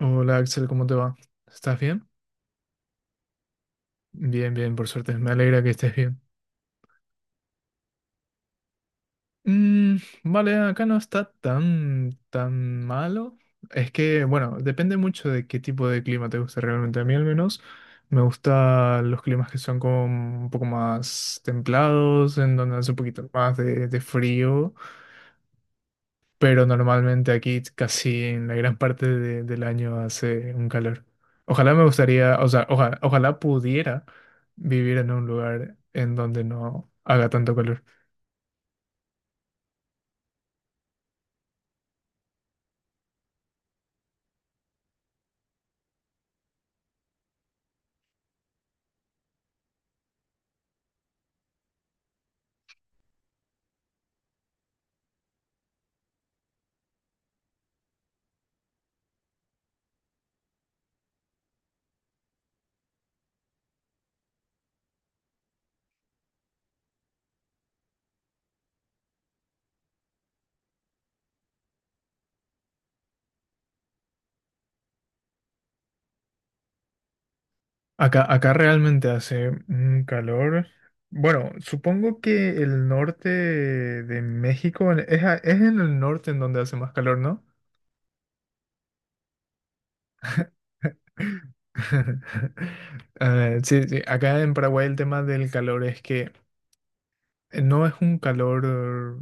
Hola Axel, ¿cómo te va? ¿Estás bien? Bien, por suerte. Me alegra que estés bien. Mm, vale, acá no está tan malo. Es que, bueno, depende mucho de qué tipo de clima te gusta realmente. A mí al menos me gustan los climas que son como un poco más templados, en donde hace un poquito más de frío. Pero normalmente aquí casi en la gran parte del año hace un calor. Ojalá me gustaría, o sea, ojalá pudiera vivir en un lugar en donde no haga tanto calor. Acá realmente hace un calor. Bueno, supongo que el norte de México es, es en el norte en donde hace más calor, ¿no? Sí, sí, acá en Paraguay el tema del calor es que no es un calor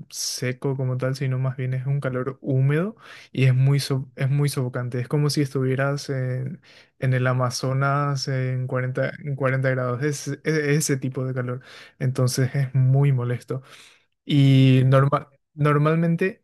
seco como tal, sino más bien es un calor húmedo y es es muy sofocante. Es como si estuvieras en el Amazonas en 40 grados. Ese tipo de calor. Entonces es muy molesto. Y normalmente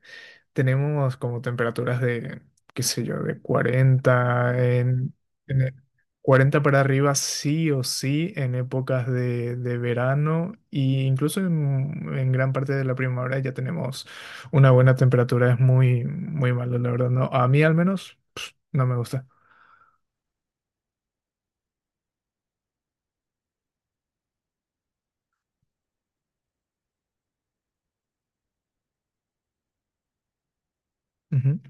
tenemos como temperaturas de, qué sé yo, de 40 en e- 40 para arriba sí o sí en épocas de verano e incluso en gran parte de la primavera ya tenemos una buena temperatura. Es muy malo, la verdad. No, a mí al menos pf, no me gusta. Ujú,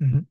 ujú.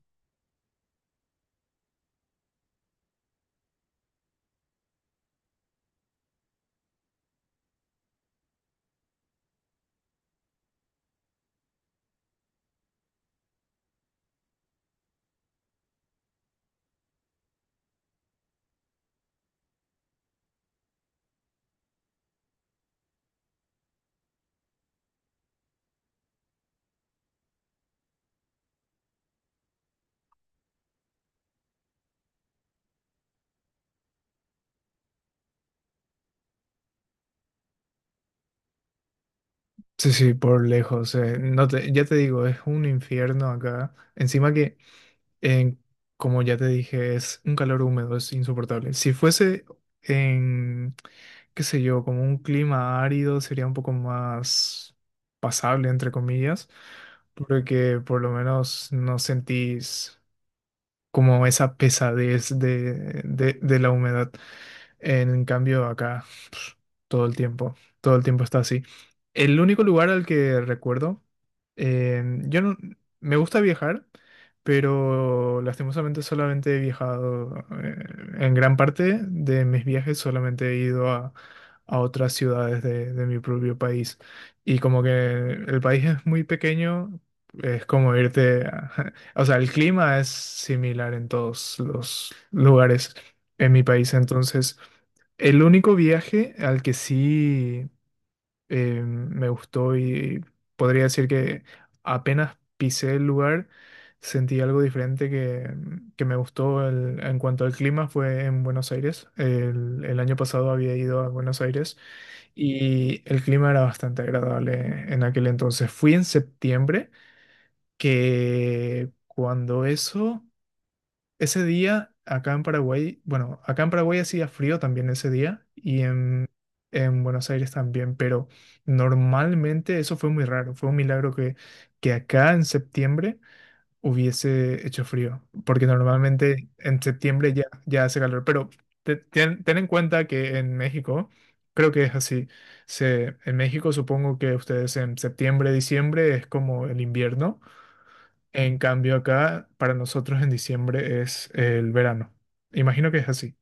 Sí, sí, por lejos. No te- ya te digo, es un infierno acá. Encima que... en- como ya te dije, es un calor húmedo, es insoportable. Si fuese en, qué sé yo, como un clima árido, sería un poco más pasable, entre comillas, porque por lo menos no sentís como esa pesadez de la humedad. En cambio, acá pf, todo el tiempo, todo el tiempo está así. El único lugar al que recuerdo, yo no, me gusta viajar, pero lastimosamente solamente he viajado, eh, en gran parte de mis viajes solamente he ido a otras ciudades de mi propio país. Y como que el país es muy pequeño, es como O sea, el clima es similar en todos los lugares en mi país. Entonces, el único viaje al que sí me gustó y podría decir que apenas pisé el lugar, sentí algo diferente que me gustó en cuanto al clima fue en Buenos Aires. El año pasado había ido a Buenos Aires y el clima era bastante agradable en aquel entonces. Fui en septiembre, que cuando eso... Ese día, acá en Paraguay, bueno, acá en Paraguay hacía frío también ese día y en Buenos Aires también, pero normalmente eso fue muy raro, fue un milagro que acá en septiembre hubiese hecho frío, porque normalmente en septiembre ya hace calor, pero ten en cuenta que en México, creo que es así, se, en México supongo que ustedes en septiembre, diciembre es como el invierno. En cambio, acá para nosotros en diciembre es el verano. Imagino que es así.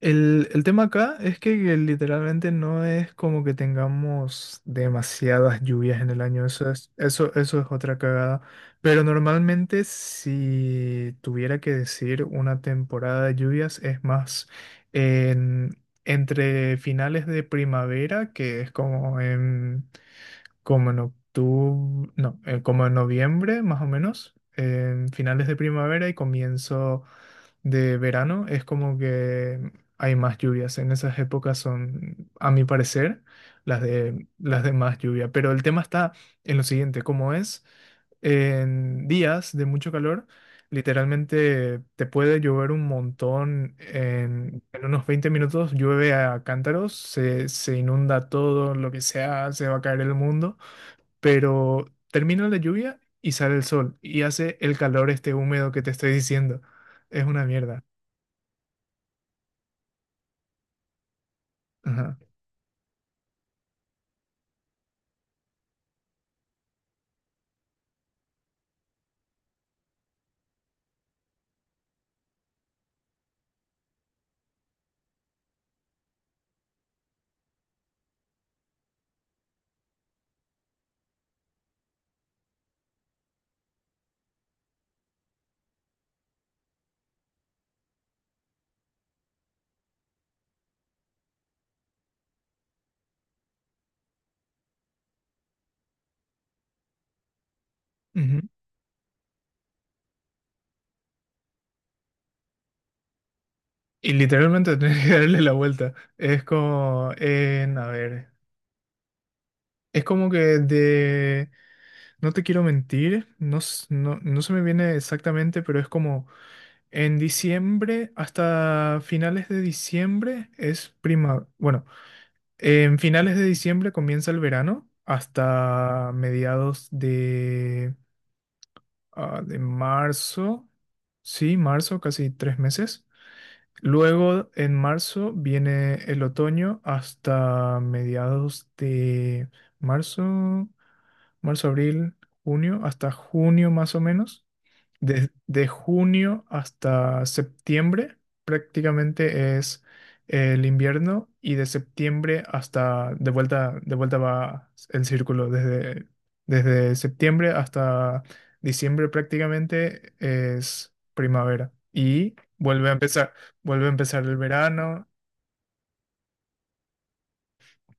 El tema acá es que literalmente no es como que tengamos demasiadas lluvias en el año. Eso es, eso es otra cagada. Pero normalmente si tuviera que decir una temporada de lluvias es más en- entre finales de primavera, que es como en como en octubre, no, como en noviembre más o menos, en finales de primavera y comienzo de verano, es como que hay más lluvias. En esas épocas son, a mi parecer, las de más lluvia. Pero el tema está en lo siguiente, como es en días de mucho calor, literalmente te puede llover un montón. En unos 20 minutos llueve a cántaros, se inunda todo, lo que sea, se va a caer el mundo, pero termina la lluvia y sale el sol y hace el calor este húmedo que te estoy diciendo. Es una mierda. Ajá. Ujú. Y literalmente tenés que darle la vuelta. Es como, en, a ver, es como que de, no te quiero mentir, no se me viene exactamente, pero es como en diciembre hasta finales de diciembre es prima, bueno, en finales de diciembre comienza el verano hasta mediados de marzo, sí, marzo, casi tres meses. Luego en marzo viene el otoño hasta mediados de marzo, marzo, abril, junio, hasta junio más o menos. Desde junio hasta septiembre prácticamente es el invierno y de septiembre hasta de vuelta va el círculo. Desde septiembre hasta diciembre prácticamente es primavera y vuelve a empezar el verano.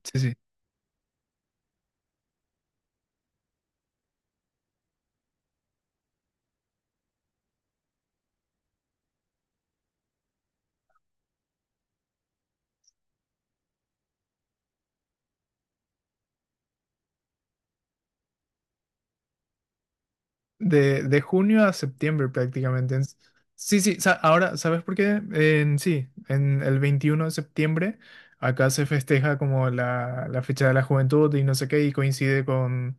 Sí, sí, de junio a septiembre prácticamente. En... Sí, sí, ahora, ¿sabes por qué? En, sí, en el 21 de septiembre acá se festeja como la fecha de la juventud y no sé qué, y coincide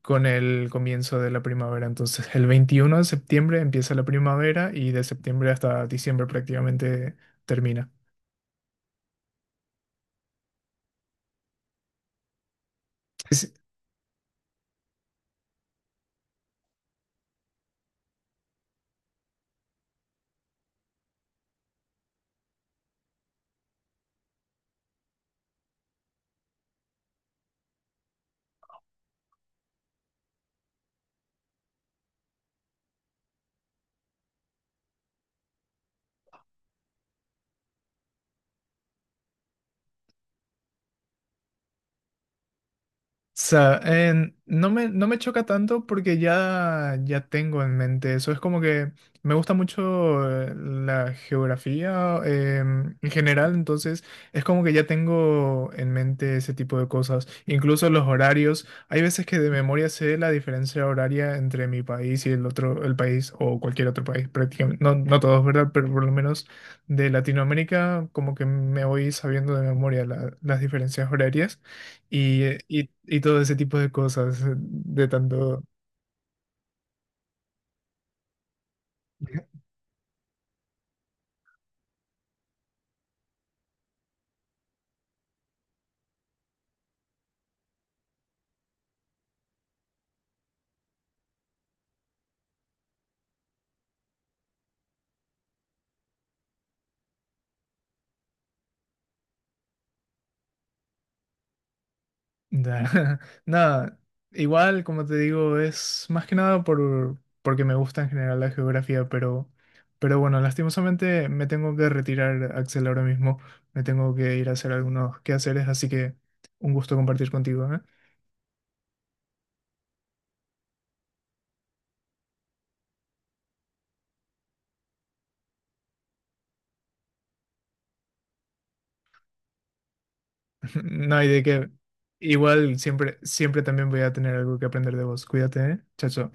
con el comienzo de la primavera. Entonces, el 21 de septiembre empieza la primavera y de septiembre hasta diciembre prácticamente termina. Sea, no me choca tanto porque ya tengo en mente eso. Es como que me gusta mucho la geografía en general, entonces es como que ya tengo en mente ese tipo de cosas. Incluso los horarios. Hay veces que de memoria sé la diferencia horaria entre mi país y el otro, el país o cualquier otro país, prácticamente. No, no todos, ¿verdad? Pero por lo menos de Latinoamérica, como que me voy sabiendo de memoria las diferencias horarias y, y todo ese tipo de cosas, de tanto... Da- Nada, igual, como te digo, es más que nada por, porque me gusta en general la geografía, pero bueno, lastimosamente me tengo que retirar, Axel, ahora mismo. Me tengo que ir a hacer algunos quehaceres, así que un gusto compartir contigo, ¿eh? No hay de qué. Igual, siempre, siempre también voy a tener algo que aprender de vos. Cuídate, ¿eh? Chao, chao.